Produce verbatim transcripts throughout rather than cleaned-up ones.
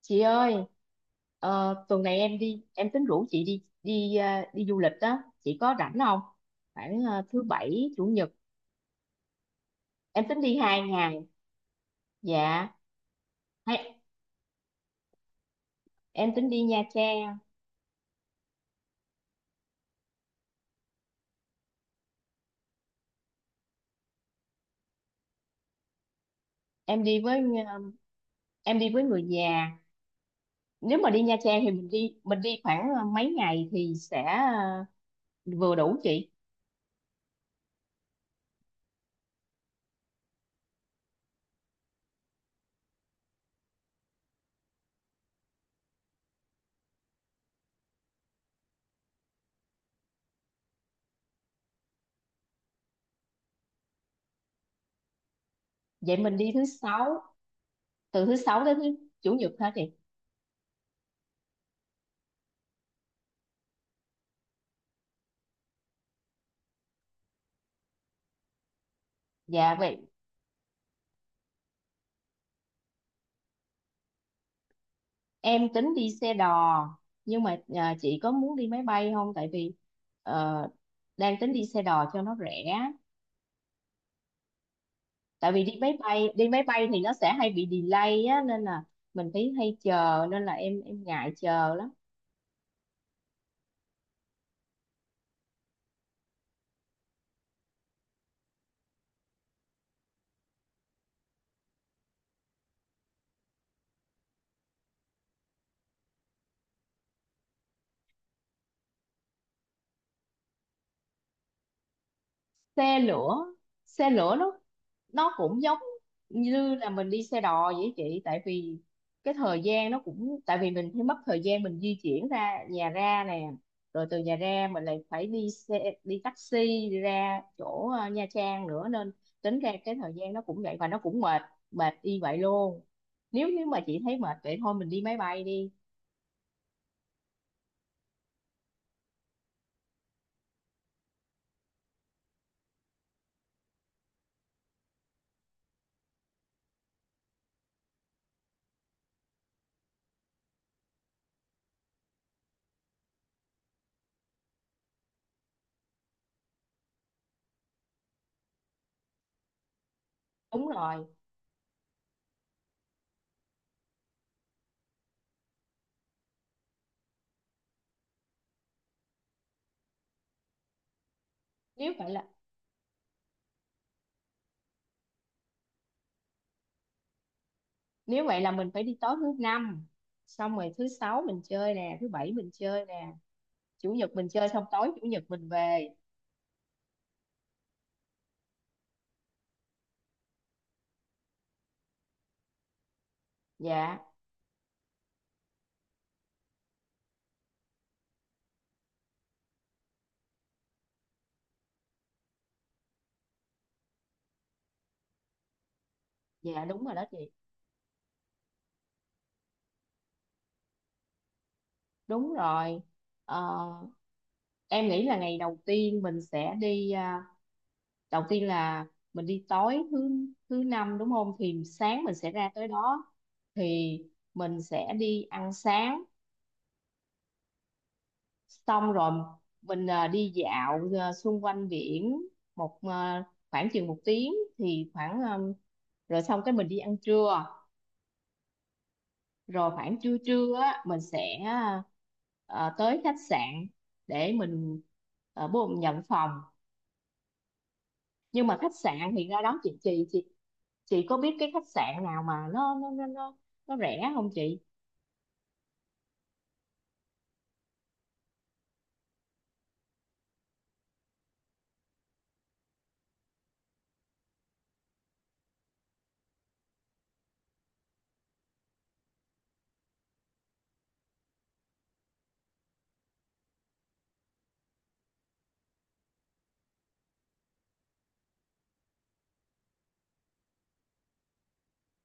Chị ơi, ờ, tuần này em đi em tính rủ chị đi đi à, đi du lịch đó. Chị có rảnh không? Khoảng à, thứ bảy, chủ nhật. Em tính đi hai ngày. Dạ. Hay em tính đi Nha Trang. em đi với à, em đi với người già. Nếu mà đi Nha Trang thì mình đi mình đi khoảng à, mấy ngày thì sẽ à, vừa đủ chị. Vậy mình đi thứ sáu, từ thứ sáu đến thứ chủ nhật hả chị? Dạ vậy. Em tính đi xe đò, nhưng mà à, chị có muốn đi máy bay không, tại vì ờ, đang tính đi xe đò cho nó rẻ. Tại vì đi máy bay đi máy bay thì nó sẽ hay bị delay á, nên là mình phải hay chờ, nên là em em ngại chờ lắm. Xe lửa. Xe lửa nó nó cũng giống như là mình đi xe đò vậy chị, tại vì cái thời gian nó cũng, tại vì mình phải mất thời gian mình di chuyển ra nhà ra nè, rồi từ nhà ra mình lại phải đi xe, đi taxi đi ra chỗ ờ, Nha Trang nữa, nên tính ra cái thời gian nó cũng vậy, và nó cũng mệt, mệt y vậy luôn. Nếu như mà chị thấy mệt vậy thôi mình đi máy bay đi. Đúng rồi. nếu vậy là Nếu vậy là mình phải đi tối thứ năm, xong rồi thứ sáu mình chơi nè, thứ bảy mình chơi nè, chủ nhật mình chơi xong tối chủ nhật mình về. Dạ. Dạ đúng rồi đó chị. Đúng rồi. Ờ, em nghĩ là ngày đầu tiên mình sẽ đi, à, đầu tiên là mình đi tối thứ thứ năm đúng không, thì sáng mình sẽ ra tới đó, thì mình sẽ đi ăn sáng, xong rồi mình à, đi dạo à, xung quanh biển một à, khoảng chừng một tiếng, thì khoảng à, rồi xong cái mình đi ăn trưa, rồi khoảng trưa trưa á mình sẽ ờ, tới khách sạn để mình uh, bố nhận phòng. Nhưng mà khách sạn thì ra đó chị chị chị chị có biết cái khách sạn nào mà nó nó nó nó, nó rẻ không chị?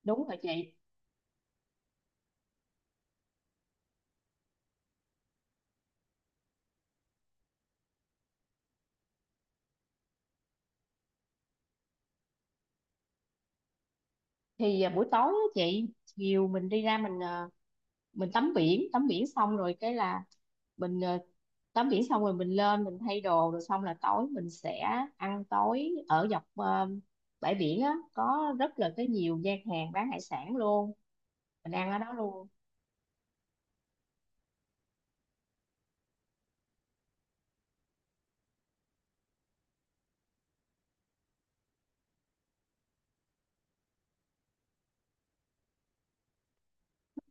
Đúng rồi chị. Thì ờ, buổi tối á chị, chiều mình đi ra mình, ờ, mình tắm biển tắm biển xong rồi cái là mình, ờ, tắm biển xong rồi mình lên mình thay đồ, rồi xong là tối mình sẽ ăn tối ở dọc ờ, bãi biển á, có rất là cái nhiều gian hàng bán hải sản luôn. Mình ăn ở đó luôn.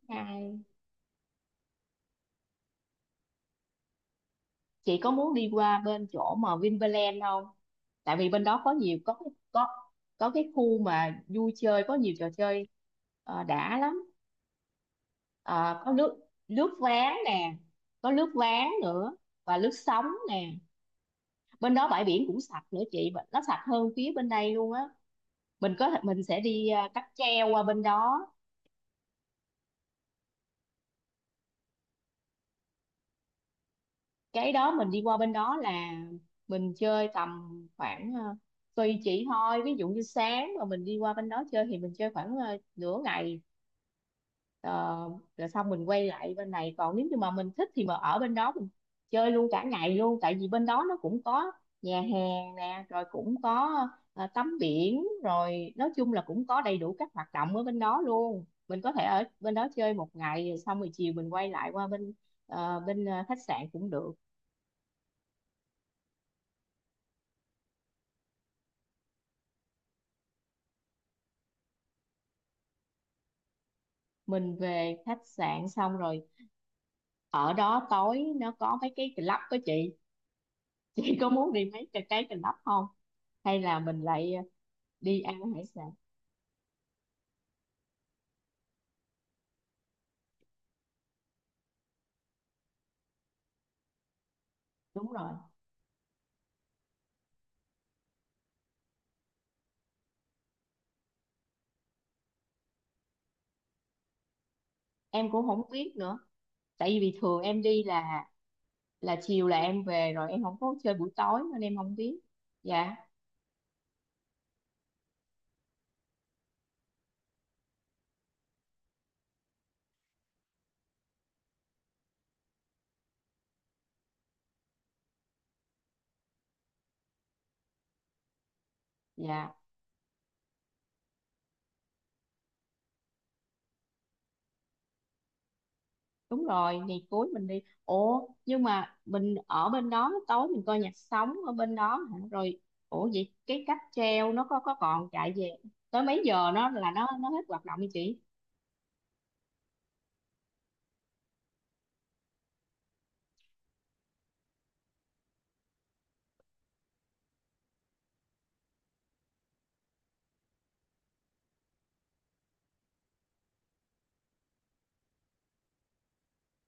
Hay chị có muốn đi qua bên chỗ mà Vinpearl không? Tại vì bên đó có nhiều, có cái- có có cái khu mà vui chơi có nhiều trò chơi, ờ, đã lắm. Ờ, có nước nước ván nè, có nước ván nữa, và nước sóng nè. Bên đó bãi biển cũng sạch nữa chị, nó sạch hơn phía bên đây luôn á. Mình có thể mình sẽ đi à, cáp treo qua bên đó. Cái đó mình đi qua bên đó là mình chơi tầm khoảng, à, tùy chị thôi, ví dụ như sáng mà mình đi qua bên đó chơi thì mình chơi khoảng à, nửa ngày. Ờ, Rồi xong mình quay lại bên này, còn nếu như mà mình thích thì mà ở bên đó mình chơi luôn cả ngày luôn, tại vì bên đó nó cũng có nhà hàng nè, rồi cũng có ờ, tắm biển, rồi nói chung là cũng có đầy đủ các hoạt động ở bên đó luôn. Mình có thể ở bên đó chơi một ngày rồi xong rồi chiều mình quay lại qua bên ờ, bên ờ, khách sạn cũng được. Mình về khách sạn xong rồi ở đó tối nó có mấy cái club đó chị. Chị có muốn đi mấy cái cái club không, hay là mình lại đi ăn hải sản? Đúng rồi. Em cũng không biết nữa, tại vì bình thường em đi là, là chiều là em về rồi, em không có chơi buổi tối nên em không biết. Dạ. Dạ đúng rồi. Ngày cuối mình đi, ủa nhưng mà mình ở bên đó tối mình coi nhạc sống ở bên đó hả? Rồi ủa vậy cái cáp treo nó có có còn chạy về tới mấy giờ, nó là nó nó hết hoạt động đi chị?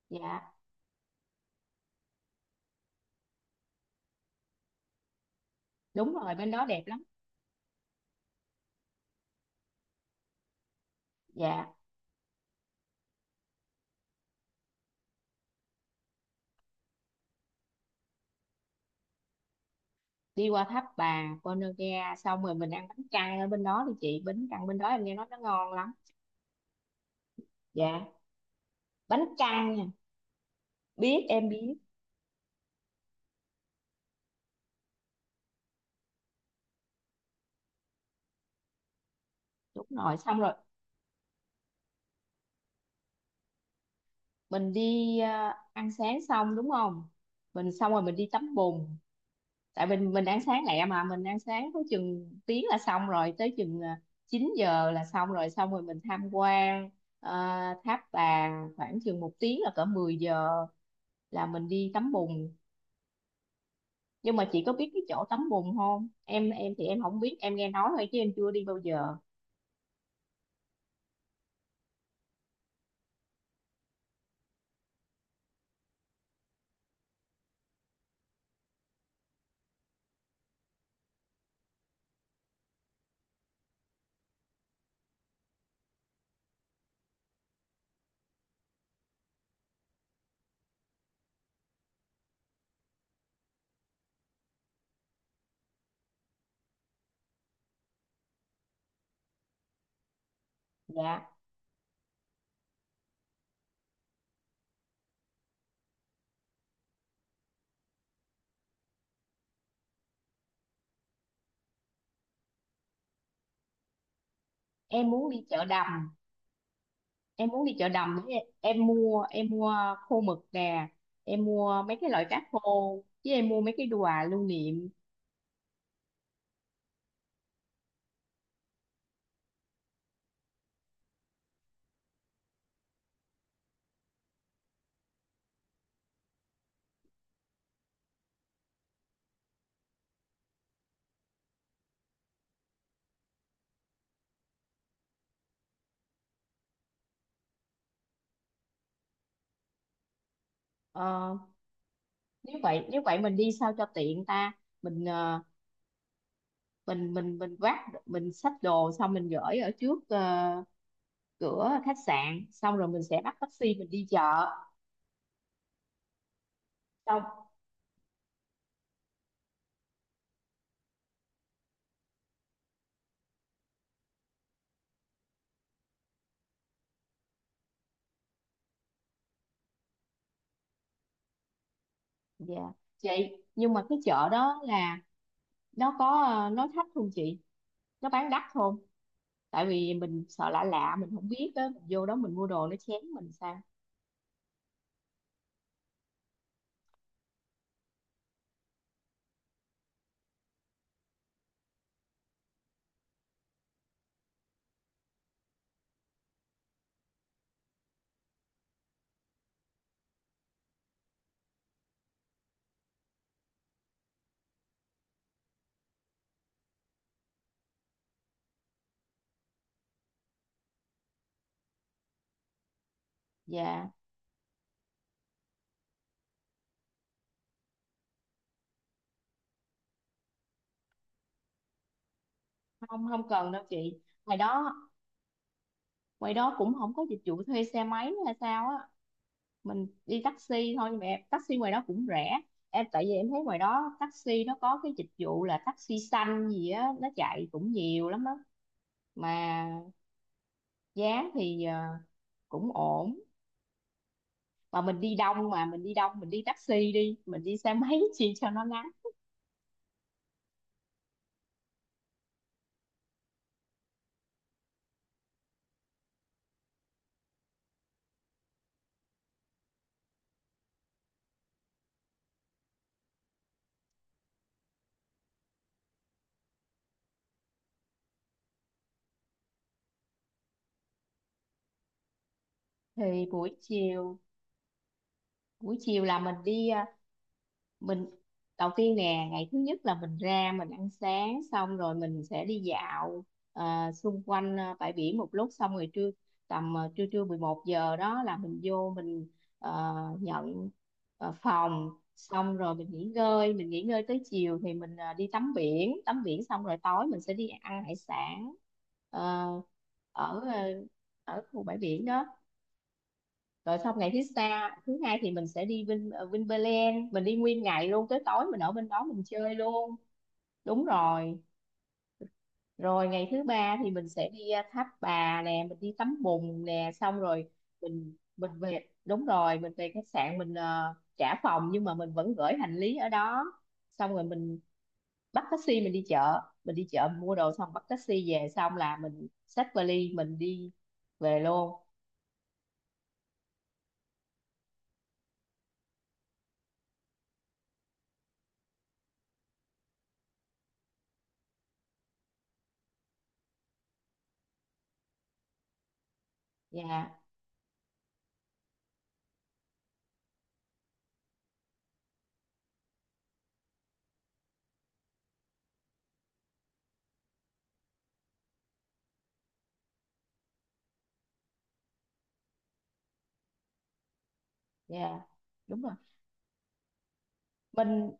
Dạ đúng rồi, bên đó đẹp lắm. Dạ, đi qua tháp bà Ponagar xong rồi mình ăn bánh căn ở bên đó đi chị, bánh căn bên đó em nghe nói nó ngon lắm. Dạ, bánh căn, biết, em biết. Đúng rồi, xong rồi mình đi à, ăn sáng xong đúng không, mình xong rồi mình đi tắm bùn, tại mình mình ăn sáng lẹ, mà mình ăn sáng có chừng tiếng là xong rồi, tới chừng à, chín giờ là xong rồi, xong rồi mình tham quan à, tháp bà khoảng chừng một tiếng là cỡ mười giờ, là mình đi tắm bùn. Nhưng mà chị có biết cái chỗ tắm bùn không? Em em thì em không biết, em nghe nói thôi chứ em chưa đi bao giờ. Dạ. Em muốn đi chợ đầm, em muốn đi chợ đầm để em, em mua em mua khô mực nè, em mua mấy cái loại cá khô, chứ em mua mấy cái quà lưu niệm. Ờ, nếu vậy nếu vậy mình đi sao cho tiện ta. mình ờ, mình mình mình vác, mình xách đồ xong mình gửi ở trước ờ, cửa khách sạn, xong rồi mình sẽ bắt taxi mình đi chợ. Xong. Dạ chị. Nhưng mà cái chợ đó là nó có ờ, nó thấp không chị, nó bán đắt không? Tại vì mình sợ lạ, lạ mình không biết á, mình vô đó mình mua đồ nó chém mình sao. Dạ không, không cần đâu chị, ngoài đó, ngoài đó cũng không có dịch vụ thuê xe máy nữa hay sao á. Mình đi taxi thôi, nhưng mà em, taxi ngoài đó cũng rẻ em, tại vì em thấy ngoài đó taxi nó có cái dịch vụ là taxi xanh gì á, nó chạy cũng nhiều lắm đó. Mà giá thì ờ, cũng ổn. Mà mình đi đông mà mình đi đông, mình đi taxi đi, mình đi xe máy chi cho nó ngắn. Thì buổi chiều, buổi chiều là mình đi ờ, mình đầu tiên nè, ngày thứ nhất là mình ra mình ăn sáng, xong rồi mình sẽ đi dạo à, xung quanh à, bãi biển một lúc, xong rồi trưa tầm à, trưa trưa mười một giờ đó là mình vô mình ờ, nhận ờ, phòng, xong rồi mình nghỉ ngơi, mình nghỉ ngơi tới chiều thì mình à, đi tắm biển, tắm biển xong rồi tối mình sẽ đi ăn hải sản, ờ, ở ờ, ở khu bãi biển đó. Rồi xong ngày thứ sa thứ hai thì mình sẽ đi Vin ờ, Vinpearl, mình đi nguyên ngày luôn, tới tối mình ở bên đó mình chơi luôn. Đúng rồi. Rồi ngày thứ ba thì mình sẽ đi ờ, Tháp Bà nè, mình đi tắm bùn nè, xong rồi mình mình về. Đúng rồi, mình về khách sạn mình ờ, trả phòng nhưng mà mình vẫn gửi hành lý ở đó, xong rồi mình bắt taxi mình đi chợ, mình đi chợ mua đồ xong bắt taxi về, xong là mình xách vali mình đi về luôn. Dạ. Dạ đúng rồi. Mình,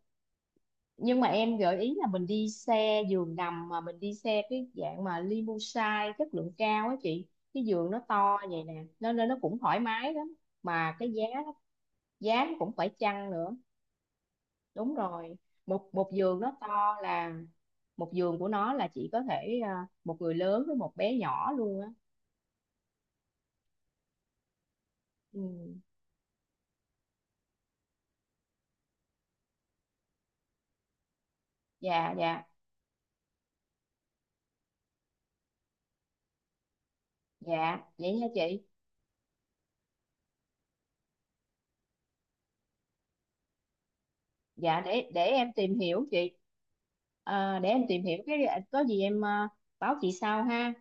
nhưng mà em gợi ý là mình đi xe giường nằm, mà mình đi xe cái dạng mà limousine chất lượng cao á chị, cái giường nó to vậy nè, nó nên nó cũng thoải mái lắm, mà cái giá giá nó cũng phải chăng nữa. Đúng rồi, một một giường nó to là, một giường của nó là chỉ có thể à, một người lớn với một bé nhỏ luôn á. Ừ. Dạ. Dạ. Dạ vậy nha chị. Dạ để để em tìm hiểu chị. À, để em tìm hiểu cái, có gì em à, báo chị sau ha.